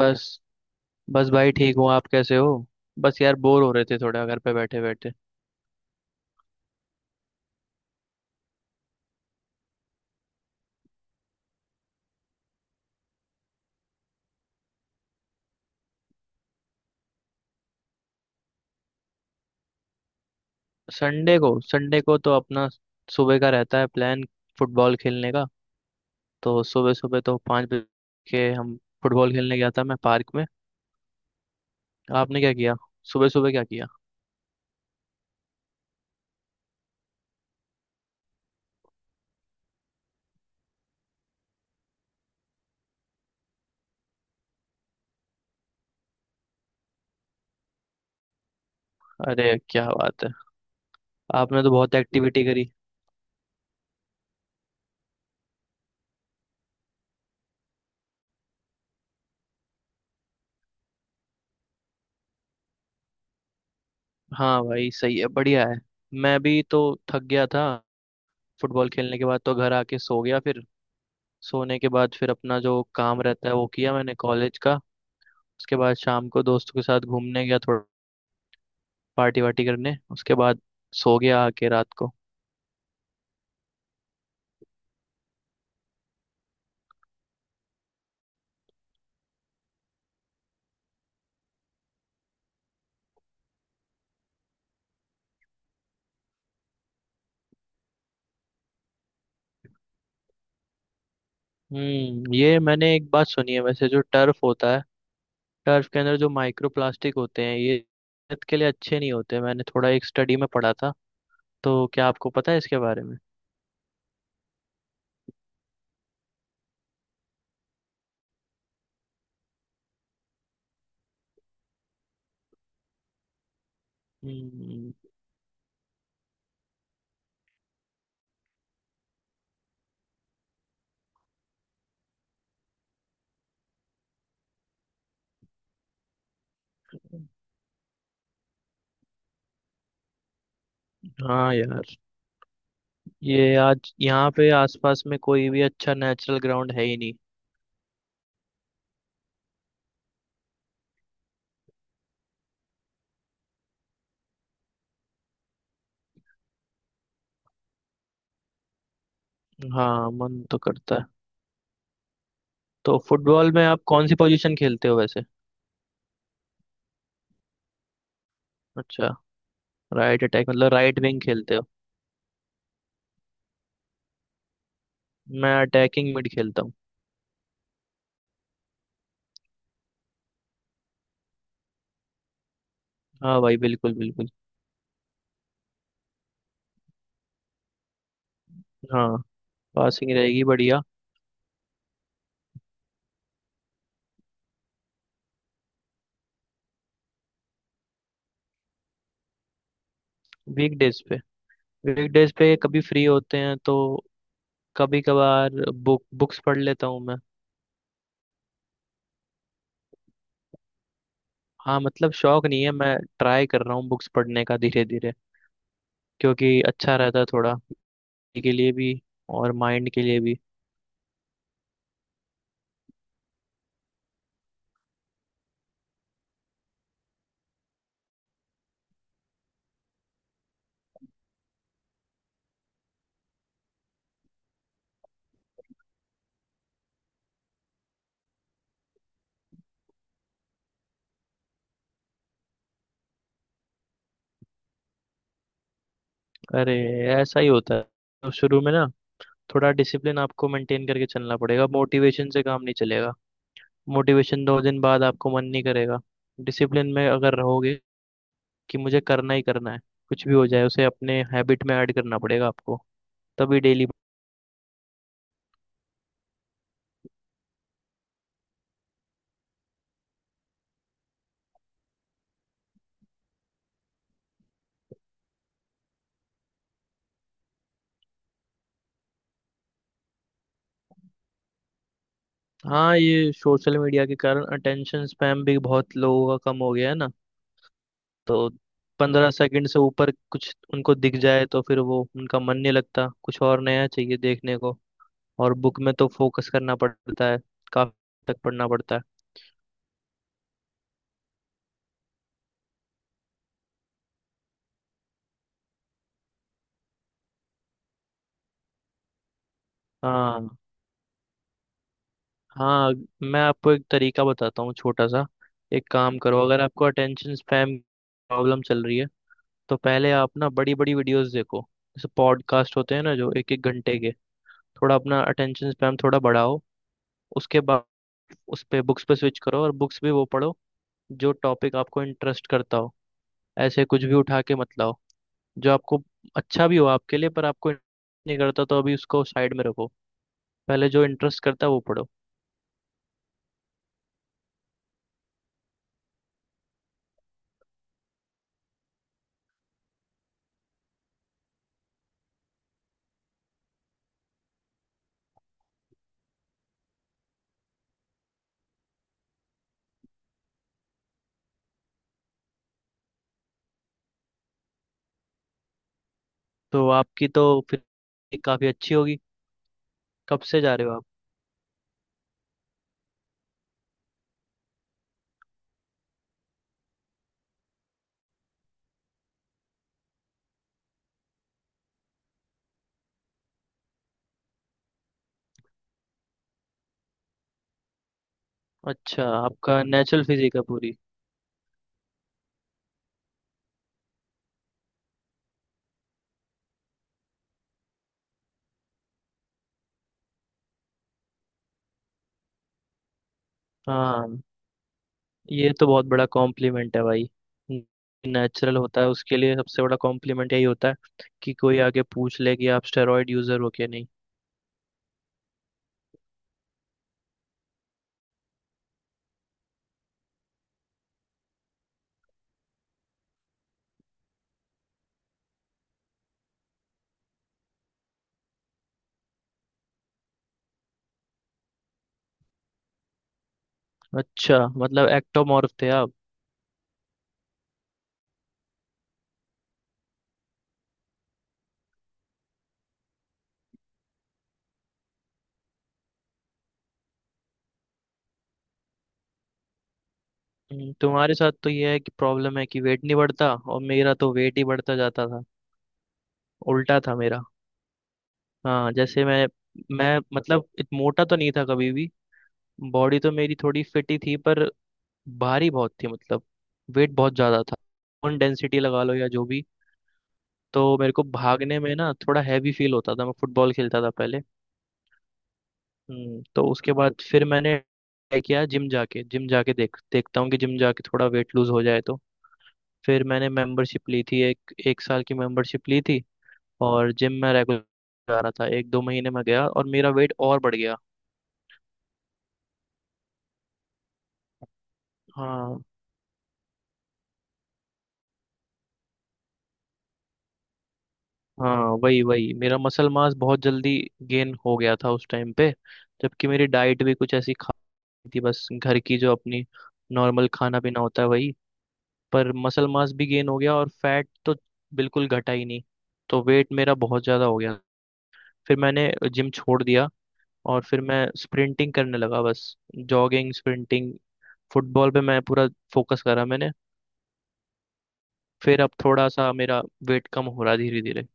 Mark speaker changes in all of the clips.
Speaker 1: बस। बस भाई ठीक हूँ, आप कैसे हो? बस यार, बोर हो रहे थे थोड़ा घर पे बैठे बैठे। संडे को तो अपना सुबह का रहता है प्लान फुटबॉल खेलने का। तो सुबह सुबह तो 5 बजे के हम फुटबॉल खेलने गया था मैं पार्क में। आपने क्या किया? सुबह सुबह क्या किया? अरे क्या बात है! आपने तो बहुत एक्टिविटी करी। हाँ भाई सही है, बढ़िया है। मैं भी तो थक गया था। फुटबॉल खेलने के बाद तो घर आके सो गया। फिर सोने के बाद फिर अपना जो काम रहता है वो किया मैंने कॉलेज का। उसके बाद शाम को दोस्तों के साथ घूमने गया थोड़ा, पार्टी वार्टी करने। उसके बाद सो गया आके रात को। हम्म। ये मैंने एक बात सुनी है वैसे, जो टर्फ होता है, टर्फ के अंदर जो माइक्रो प्लास्टिक होते हैं ये सेहत के लिए अच्छे नहीं होते। मैंने थोड़ा एक स्टडी में पढ़ा था। तो क्या आपको पता है इसके बारे में? हम्म। हाँ यार, ये आज यहाँ पे आसपास में कोई भी अच्छा नेचुरल ग्राउंड है ही नहीं। हाँ मन तो करता है। तो फुटबॉल में आप कौन सी पोजीशन खेलते हो वैसे? अच्छा। राइट अटैक मतलब राइट विंग खेलते हो? मैं अटैकिंग मिड खेलता हूँ। हाँ भाई बिल्कुल बिल्कुल। हाँ, पासिंग रहेगी बढ़िया। वीकडेज पे वीकडेज पे कभी फ्री होते हैं तो कभी कभार बुक्स पढ़ लेता हूँ मैं। हाँ मतलब शौक नहीं है, मैं ट्राई कर रहा हूँ बुक्स पढ़ने का धीरे धीरे, क्योंकि अच्छा रहता है थोड़ा body के लिए भी और माइंड के लिए भी। अरे ऐसा ही होता है। तो शुरू में ना थोड़ा डिसिप्लिन आपको मेंटेन करके चलना पड़ेगा, मोटिवेशन से काम नहीं चलेगा। मोटिवेशन 2 दिन बाद आपको मन नहीं करेगा। डिसिप्लिन में अगर रहोगे कि मुझे करना ही करना है, कुछ भी हो जाए, उसे अपने हैबिट में ऐड करना पड़ेगा आपको, तभी डेली। हाँ ये सोशल मीडिया के कारण अटेंशन स्पैम भी बहुत लोगों का कम हो गया है ना। तो 15 सेकंड से ऊपर कुछ उनको दिख जाए तो फिर वो उनका मन नहीं लगता, कुछ और नया चाहिए देखने को। और बुक में तो फोकस करना पड़ता है काफी तक पढ़ना पड़ता है। हाँ। हाँ, मैं आपको एक तरीका बताता हूँ छोटा सा। एक काम करो, अगर आपको अटेंशन स्पैम प्रॉब्लम चल रही है तो पहले आप ना बड़ी बड़ी वीडियोस देखो, जैसे पॉडकास्ट होते हैं ना जो एक एक घंटे के, थोड़ा अपना अटेंशन स्पैम थोड़ा बढ़ाओ। उसके बाद उस पे बुक्स पे स्विच करो, और बुक्स भी वो पढ़ो जो टॉपिक आपको इंटरेस्ट करता हो। ऐसे कुछ भी उठा के मत लाओ जो आपको अच्छा भी हो आपके लिए पर आपको नहीं करता, तो अभी उसको साइड में रखो। पहले जो इंटरेस्ट करता है वो पढ़ो। तो आपकी तो फिर काफ़ी अच्छी होगी। कब से जा रहे हो आप? अच्छा, आपका नेचुरल फिजिक है पूरी? हाँ ये तो बहुत बड़ा कॉम्प्लीमेंट है भाई। नेचुरल होता है उसके लिए सबसे बड़ा कॉम्प्लीमेंट यही होता है कि कोई आके पूछ ले कि आप स्टेरॉइड यूजर हो क्या नहीं। अच्छा मतलब एक्टोमॉर्फ थे आप? तुम्हारे साथ तो ये है कि प्रॉब्लम है कि वेट नहीं बढ़ता, और मेरा तो वेट ही बढ़ता जाता था। उल्टा था मेरा। हाँ जैसे मैं मतलब इत मोटा तो नहीं था कभी भी। बॉडी तो मेरी थोड़ी फिट ही थी, पर भारी बहुत थी मतलब, वेट बहुत ज्यादा था। बोन डेंसिटी लगा लो या जो भी। तो मेरे को भागने में ना थोड़ा हैवी फील होता था। मैं फुटबॉल खेलता था पहले। तो उसके बाद फिर मैंने ट्राई किया जिम जाके देखता हूँ कि जिम जाके थोड़ा वेट लूज हो जाए तो। फिर मैंने मेंबरशिप ली थी, एक एक साल की मेंबरशिप ली थी, और जिम में रेगुलर जा रहा था। 1-2 महीने में गया और मेरा वेट और बढ़ गया। हाँ। हाँ वही वही, मेरा मसल मास बहुत जल्दी गेन हो गया था उस टाइम पे, जबकि मेरी डाइट भी कुछ ऐसी खाती थी, बस घर की जो अपनी नॉर्मल खाना पीना होता है वही। पर मसल मास भी गेन हो गया और फैट तो बिल्कुल घटा ही नहीं, तो वेट मेरा बहुत ज़्यादा हो गया। फिर मैंने जिम छोड़ दिया, और फिर मैं स्प्रिंटिंग करने लगा बस। जॉगिंग, स्प्रिंटिंग, फुटबॉल पे मैं पूरा फोकस करा मैंने। फिर अब थोड़ा सा मेरा वेट कम हो रहा धीरे धीरे।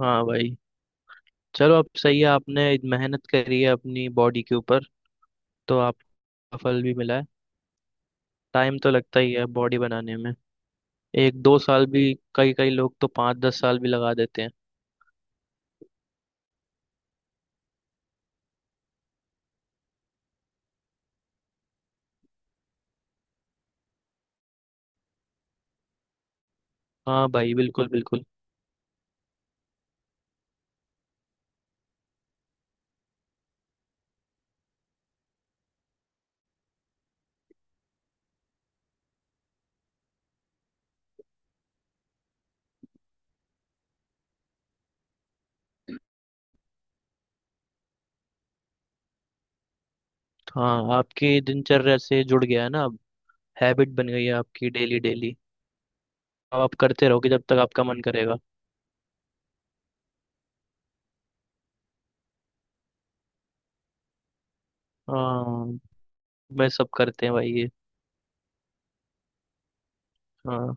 Speaker 1: हाँ भाई चलो, अब सही है। आपने मेहनत करी है अपनी बॉडी के ऊपर तो आपका फल भी मिला है। टाइम तो लगता ही है बॉडी बनाने में। 1-2 साल भी, कई कई लोग तो 5-10 साल भी लगा देते हैं। हाँ भाई बिल्कुल बिल्कुल। हाँ आपकी दिनचर्या से जुड़ गया है ना अब। हैबिट बन गई है आपकी डेली डेली। अब आप करते रहोगे जब तक आपका मन करेगा। हाँ मैं, सब करते हैं भाई ये। हाँ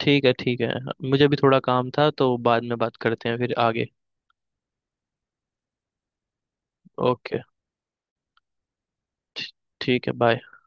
Speaker 1: ठीक है ठीक है। मुझे भी थोड़ा काम था तो बाद में बात करते हैं फिर आगे। ओके, ठीक है, बाय।